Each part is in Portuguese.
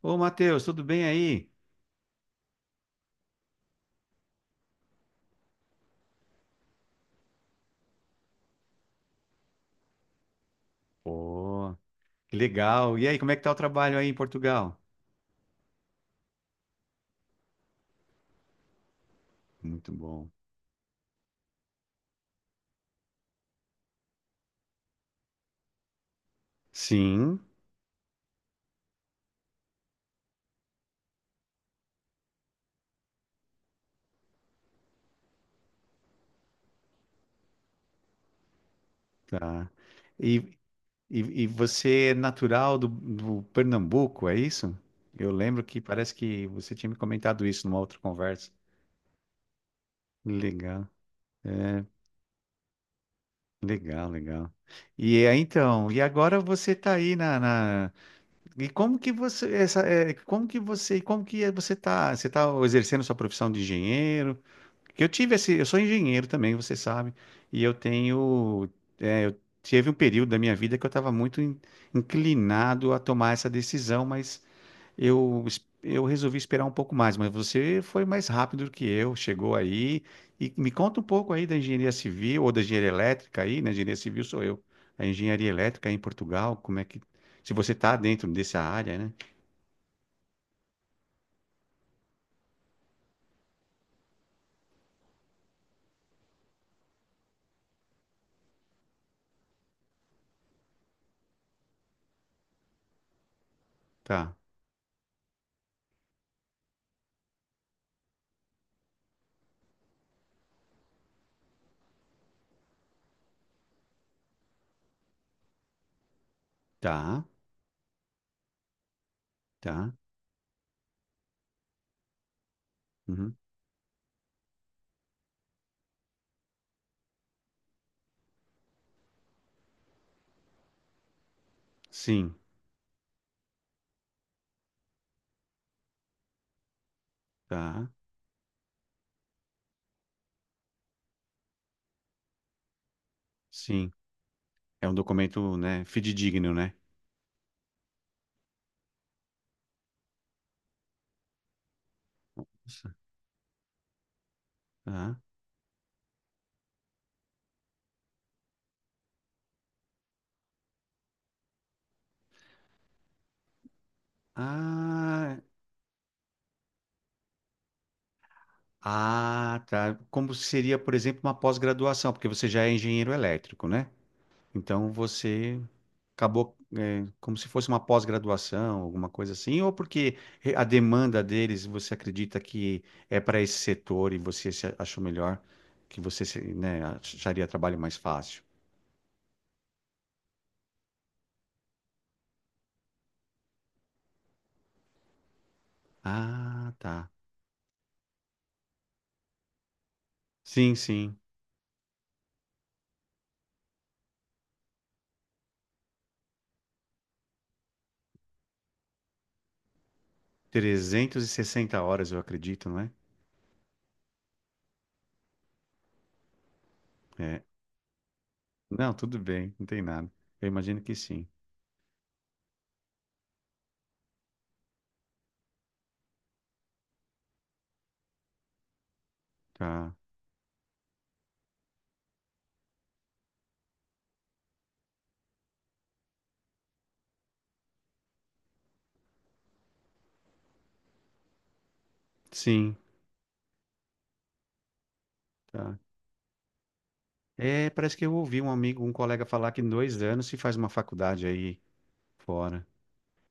Ô, Matheus, tudo bem aí? Pô, que legal. E aí, como é que tá o trabalho aí em Portugal? Muito bom. Sim, tá. E, e você é natural do Pernambuco, é isso? Eu lembro que parece que você tinha me comentado isso numa outra conversa. Legal. É, legal, legal. E é, então, e agora você está aí como que é, você está exercendo sua profissão de engenheiro? Que eu tive esse, eu sou engenheiro também, você sabe, e eu tenho, eu tive um período da minha vida que eu estava muito inclinado a tomar essa decisão, mas eu resolvi esperar um pouco mais. Mas você foi mais rápido do que eu, chegou aí, e me conta um pouco aí da engenharia civil ou da engenharia elétrica aí, né? Engenharia civil sou eu, a engenharia elétrica aí em Portugal, se você está dentro dessa área, né? Tá, tá, tá, uhum, sim, tá, sim. É um documento, né, fidedigno, né? Isso. Aham. Ah, ah, tá. Como seria, por exemplo, uma pós-graduação, porque você já é engenheiro elétrico, né? Então você acabou, é, como se fosse uma pós-graduação, alguma coisa assim, ou porque a demanda deles, você acredita que é para esse setor e você se achou melhor, que você, se- né, acharia trabalho mais fácil. Ah, tá. Sim, sim. 360 horas, eu acredito, não é? É. Não, tudo bem, não tem nada. Eu imagino que sim. Tá. Sim, tá. É, parece que eu ouvi um amigo, um colega falar que em 2 anos se faz uma faculdade aí fora.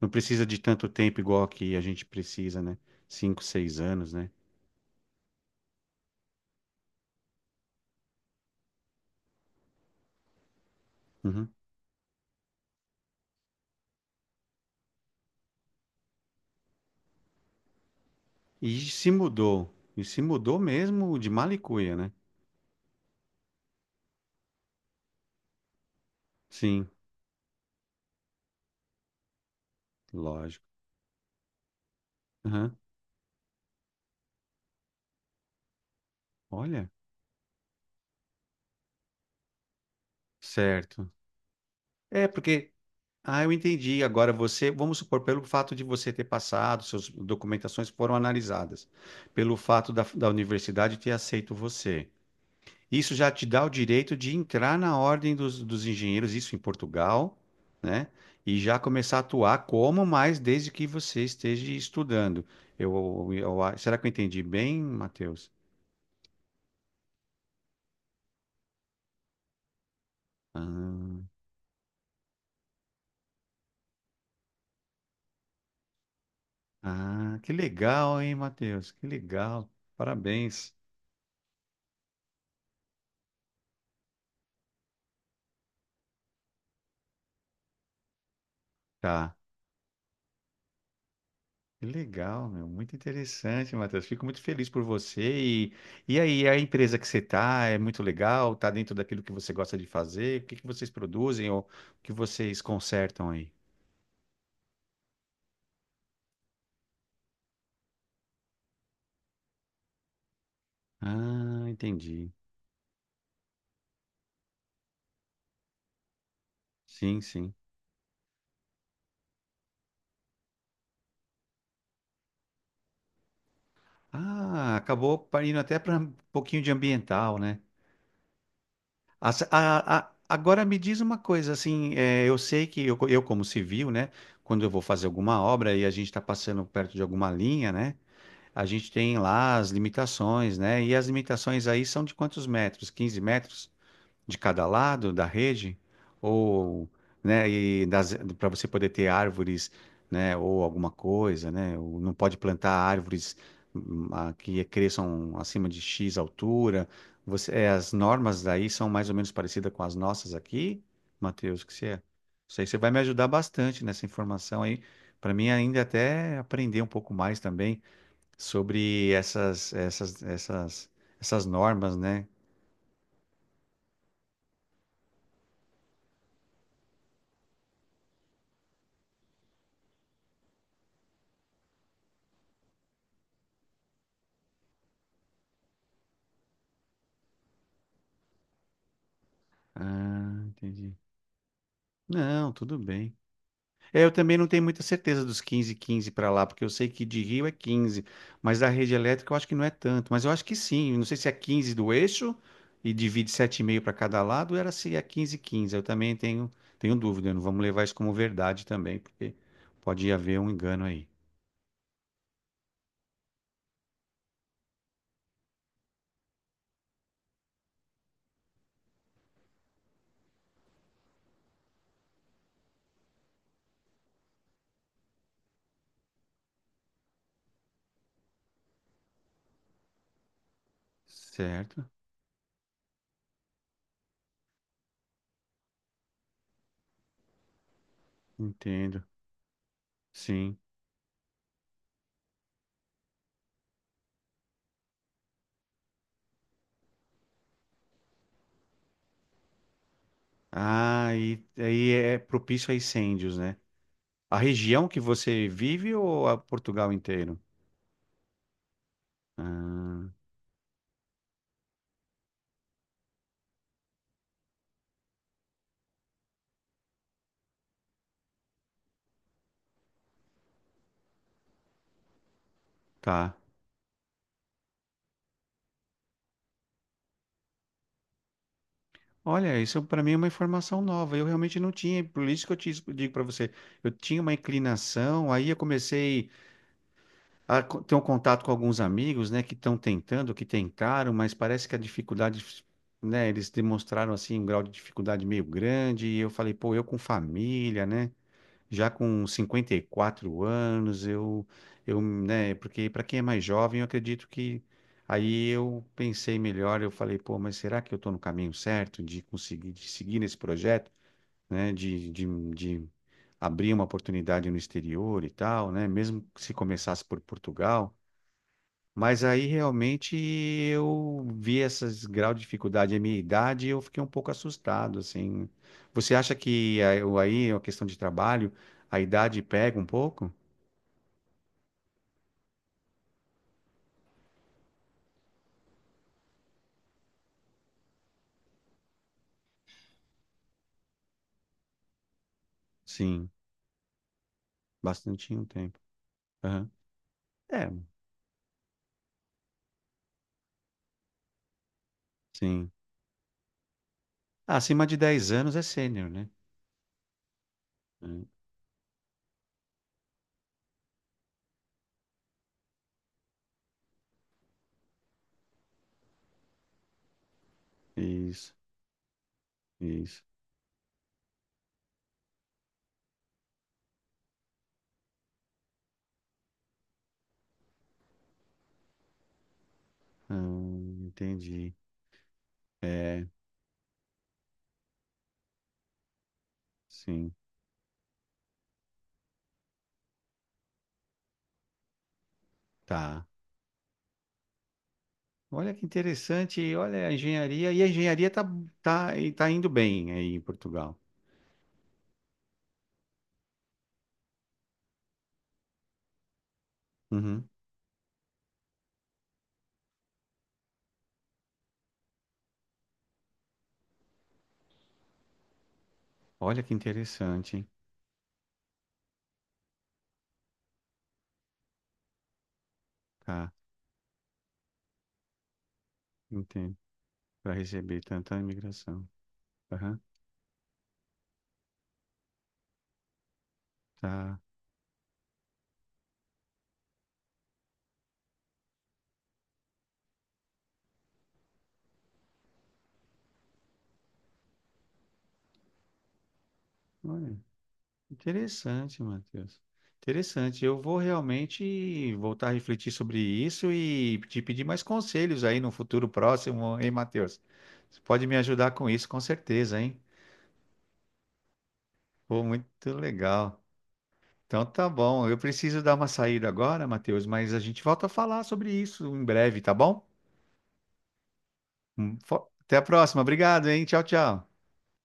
Não precisa de tanto tempo igual aqui a gente precisa, né? 5, 6 anos, né? Uhum. E se mudou. E se mudou mesmo de mala e cuia, né? Sim, lógico. Aham. Olha, certo. É, porque, ah, eu entendi. Agora você, vamos supor, pelo fato de você ter passado, suas documentações foram analisadas, pelo fato da universidade ter aceito você. Isso já te dá o direito de entrar na ordem dos engenheiros, isso em Portugal, né? E já começar a atuar como mais desde que você esteja estudando. Eu, eu- será que eu entendi bem, Matheus? Ah, ah, que legal, hein, Matheus? Que legal. Parabéns. Tá. Que legal, meu. Muito interessante, Matheus. Fico muito feliz por você. E aí, a empresa que você está é muito legal? Está dentro daquilo que você gosta de fazer? O que que vocês produzem ou o que vocês consertam aí? Ah, entendi. Sim, sim. Ah, acabou indo até para um pouquinho de ambiental, né? Agora me diz uma coisa, assim, eu sei que eu como civil, né? Quando eu vou fazer alguma obra e a gente está passando perto de alguma linha, né? A gente tem lá as limitações, né? E as limitações aí são de quantos metros? 15 metros de cada lado da rede? Ou, né? E para você poder ter árvores, né? Ou alguma coisa, né? Ou não pode plantar árvores que cresçam acima de X altura. As normas daí são mais ou menos parecidas com as nossas aqui, Matheus, que você é? Isso aí você vai me ajudar bastante nessa informação aí. Para mim, ainda até aprender um pouco mais também sobre essas normas, né? Ah, entendi. Não, tudo bem. É, eu também não tenho muita certeza dos 15 15 para lá, porque eu sei que de Rio é 15, mas da rede elétrica eu acho que não é tanto, mas eu acho que sim. Eu não sei se é 15 do eixo e divide sete e meio para cada lado, ou era se é 15 15. Eu também tenho dúvida, não vamos levar isso como verdade também, porque pode haver um engano aí. Certo? Entendo. Sim. Ah, e aí é propício a incêndios, né? A região que você vive ou a Portugal inteiro? Ah, tá. Olha, isso para mim é uma informação nova. Eu realmente não tinha, por isso que eu te digo para você. Eu tinha uma inclinação, aí eu comecei a ter um contato com alguns amigos, né, que estão tentando, que tentaram, mas parece que a dificuldade, né, eles demonstraram assim um grau de dificuldade meio grande. E eu falei, pô, eu com família, né? Já com 54 anos, eu, né, porque para quem é mais jovem, eu acredito que aí eu pensei melhor, eu falei, pô, mas será que eu estou no caminho certo de conseguir, de seguir nesse projeto, né, de abrir uma oportunidade no exterior e tal, né, mesmo que se começasse por Portugal, mas aí realmente eu vi esses graus de dificuldade à minha idade e eu fiquei um pouco assustado, assim. Você acha que aí é uma questão de trabalho, a idade pega um pouco? Sim, bastante um tempo. Aham. É, sim. Ah, acima de 10 anos é sênior, né? É, isso, isso. Entendi. É, sim. Tá. Olha que interessante. Olha a engenharia. E a engenharia tá, e tá indo bem aí em Portugal. Uhum. Olha que interessante, hein? Tá, entendo. Para receber tanta imigração. Aham, tá. Olha, interessante, Matheus. Interessante. Eu vou realmente voltar a refletir sobre isso e te pedir mais conselhos aí no futuro próximo, hein, Matheus? Você pode me ajudar com isso, com certeza, hein? Pô, muito legal. Então tá bom. Eu preciso dar uma saída agora, Matheus, mas a gente volta a falar sobre isso em breve, tá bom? Até a próxima. Obrigado, hein? Tchau, tchau.